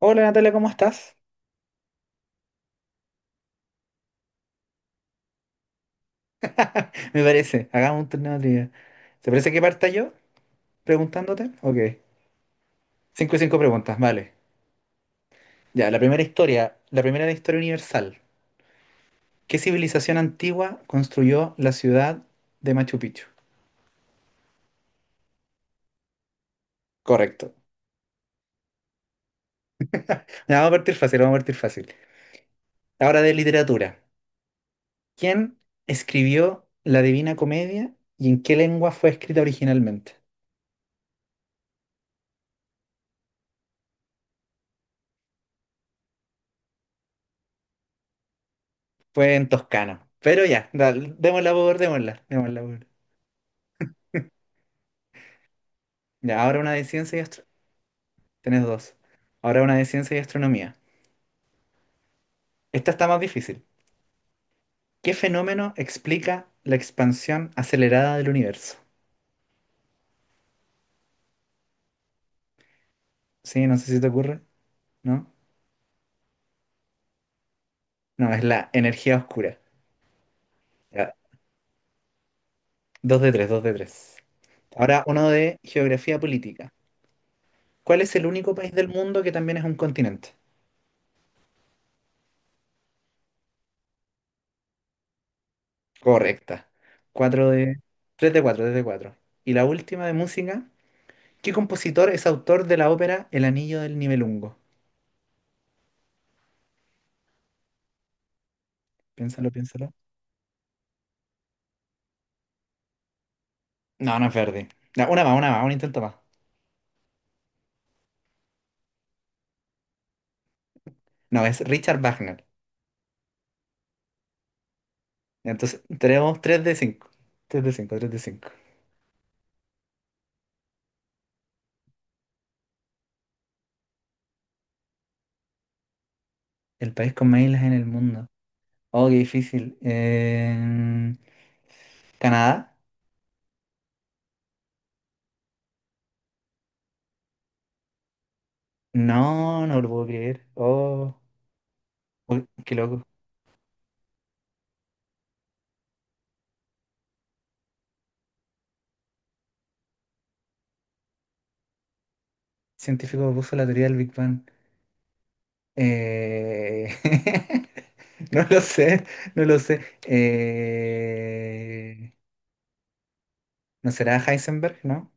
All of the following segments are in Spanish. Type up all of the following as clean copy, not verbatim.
Hola Natalia, ¿cómo estás? Me parece, hagamos un torneo de trivia. ¿Te parece que parta yo preguntándote? Ok. Cinco y cinco preguntas, vale. Ya, la primera de historia universal. ¿Qué civilización antigua construyó la ciudad de Machu Picchu? Correcto. Ya, vamos a partir fácil, vamos a partir fácil. Ahora de literatura. ¿Quién escribió la Divina Comedia y en qué lengua fue escrita originalmente? Fue en toscano. Pero ya, dale, démosla por. Ya, ahora una de ciencia y astronomía. Tenés dos. Ahora una de ciencia y astronomía. Esta está más difícil. ¿Qué fenómeno explica la expansión acelerada del universo? Sí, no sé si te ocurre, ¿no? No, es la energía oscura. Ya, dos de tres, dos de tres. Ahora uno de geografía política. ¿Cuál es el único país del mundo que también es un continente? Correcta. Cuatro de... Tres de cuatro, tres de cuatro. Y la última de música. ¿Qué compositor es autor de la ópera El Anillo del Nibelungo? Piénsalo, piénsalo. No, no es Verdi. No, una más, un intento más. No, es Richard Wagner. Entonces, tenemos tres de cinco, tres de cinco, tres de cinco. El país con más islas en el mundo. Oh, qué difícil. ¿Canadá? No, no lo puedo creer. Oh, uy, qué loco. Científico propuso la teoría del Big Bang. Eh, No lo sé, no lo sé. Eh, ¿No será Heisenberg, no?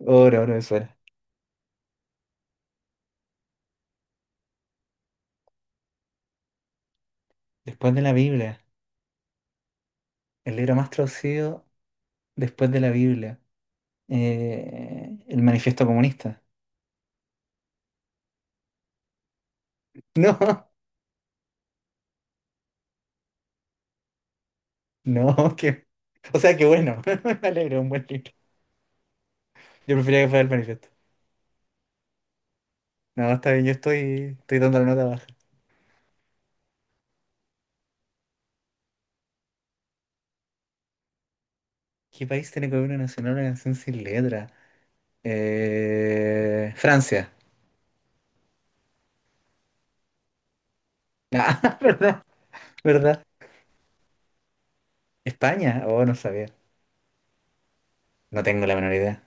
Oh, no, no me suena. Después de la Biblia. El libro más traducido después de la Biblia. El Manifiesto Comunista. No, no, que. O sea, qué bueno. Me alegro, un buen libro. Yo prefería que fuera el Manifiesto. No, está bien, yo estoy dando la nota baja. ¿Qué país tiene como himno nacional una canción sin letra? Francia. Ah, ¿verdad? ¿Verdad? España. Oh, no sabía. No tengo la menor idea.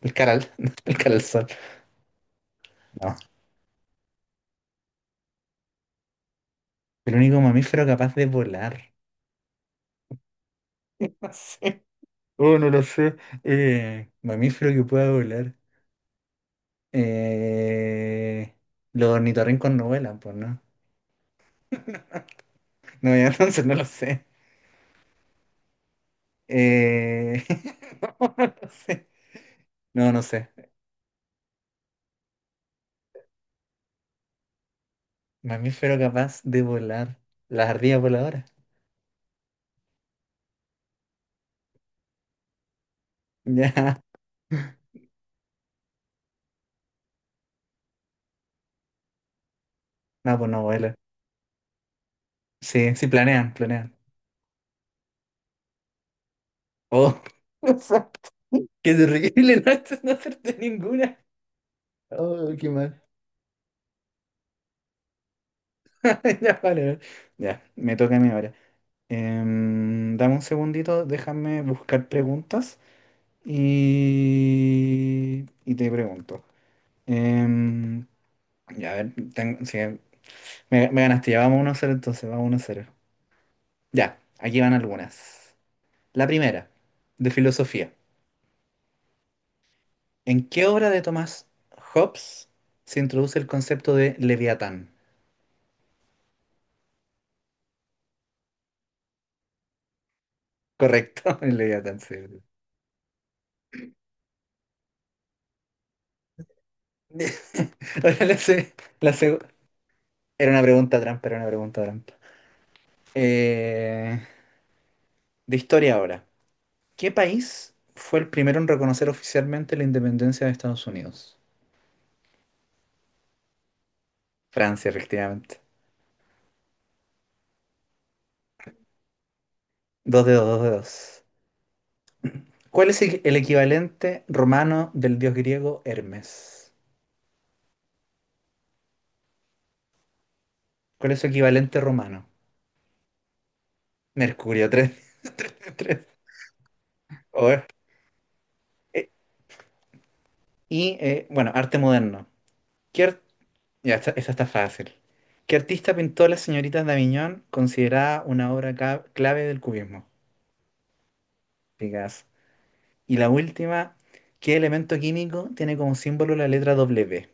El caral. El caralzón. No. El único mamífero capaz de volar. No sé. Oh, no lo sé. Mamífero que pueda volar. Eh, los ornitorrincos no vuelan, pues no. No, ya entonces no lo sé. Eh, no, no lo sé. No, no sé. Mamífero capaz de volar. Las ardillas voladoras. Ya. No, pues no vuelan. Sí, sí, planean, planean. Oh, exacto. Qué terrible no, no hacerte ninguna. Oh, qué mal. Ya, vale. Vale. Ya, me toca a mí ahora. Dame un segundito, déjame buscar preguntas y te pregunto. Em, ya, a ver, tengo, sí, me ganaste, ya vamos 1 cero, entonces, vamos 1 cero. Ya, aquí van algunas. La primera, de filosofía. ¿En qué obra de Thomas Hobbes se introduce el concepto de Leviatán? Correcto, el Leviatán, sí. Ahora la se- la seg- Era una pregunta trampa, era una pregunta trampa. Eh, de historia ahora. ¿Qué país fue el primero en reconocer oficialmente la independencia de Estados Unidos? Francia, efectivamente. Dos dedos, dos dedos. ¿Cuál es el equivalente romano del dios griego Hermes? ¿Cuál es su equivalente romano? Mercurio, tres, tres. Oh, eh, y, bueno, arte moderno. ¿Qué ar- ya, esta está fácil. ¿Qué artista pintó Las señoritas de Aviñón, considerada una obra clave del cubismo? Picasso. Y la última, ¿qué elemento químico tiene como símbolo la letra W?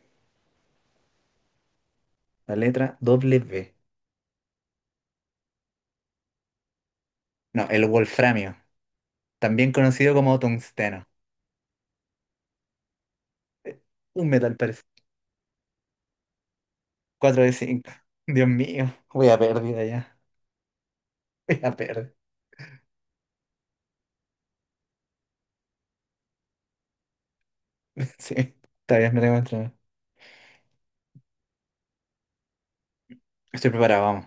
La letra W. No, el wolframio, también conocido como tungsteno. Eh, Un metal parecido. Cuatro de 5 Dios mío, voy a pérdida ya. Voy a pérdida. Sí, está bien, me tengo que entrenar. Estoy preparado, vamos.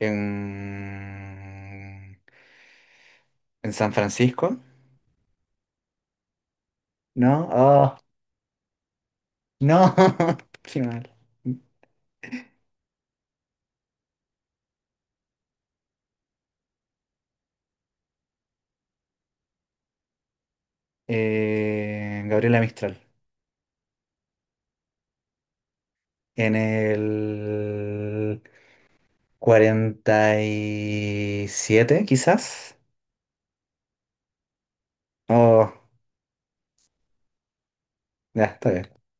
En, en San Francisco. No, oh, no. Qué mal. Gabriela Mistral. ¿En el 47 quizás? Oh, ya, está bien.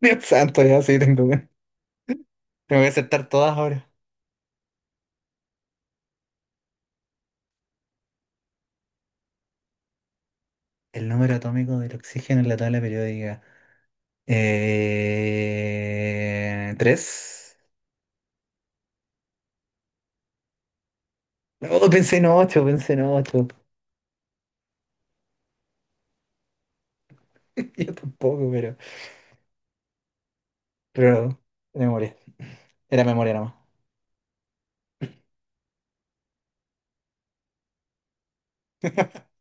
Dios santo, ya sí tengo que... Tengo que aceptar todas ahora. El número atómico del oxígeno en la tabla periódica. ¿Tres? No, pensé en ocho, pensé en ocho. Yo tampoco, pero... Pero... Memoria. Era memoria nomás.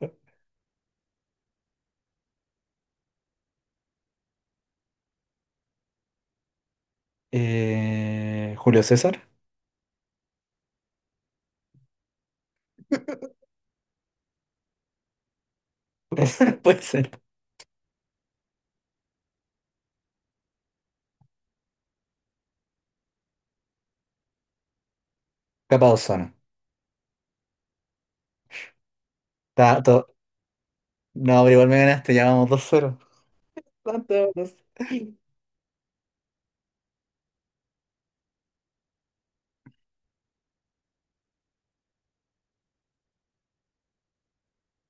¿Julio César? Puede ser. Capa de ozono. Ta- to- No, pero igual me ganaste, ya vamos 2-0. Son todos.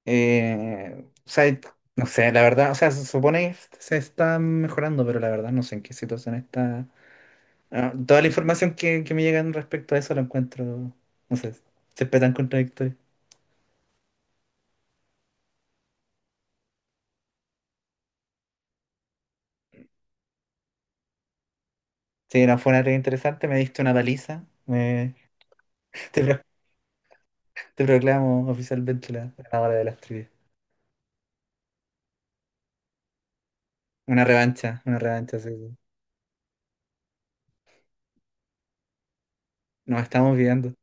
O sea, no sé, la verdad, o sea, se supone que se está mejorando, pero la verdad no sé en qué situación está. Ah, toda la información que me llegan respecto a eso la encuentro, no sé, siempre tan contradictoria. Sí, no, fue una red interesante, me diste una paliza, me- te, pro- te proclamo oficialmente la ganadora de las trivias. Una revancha, sí. Sí. Nos estamos viendo.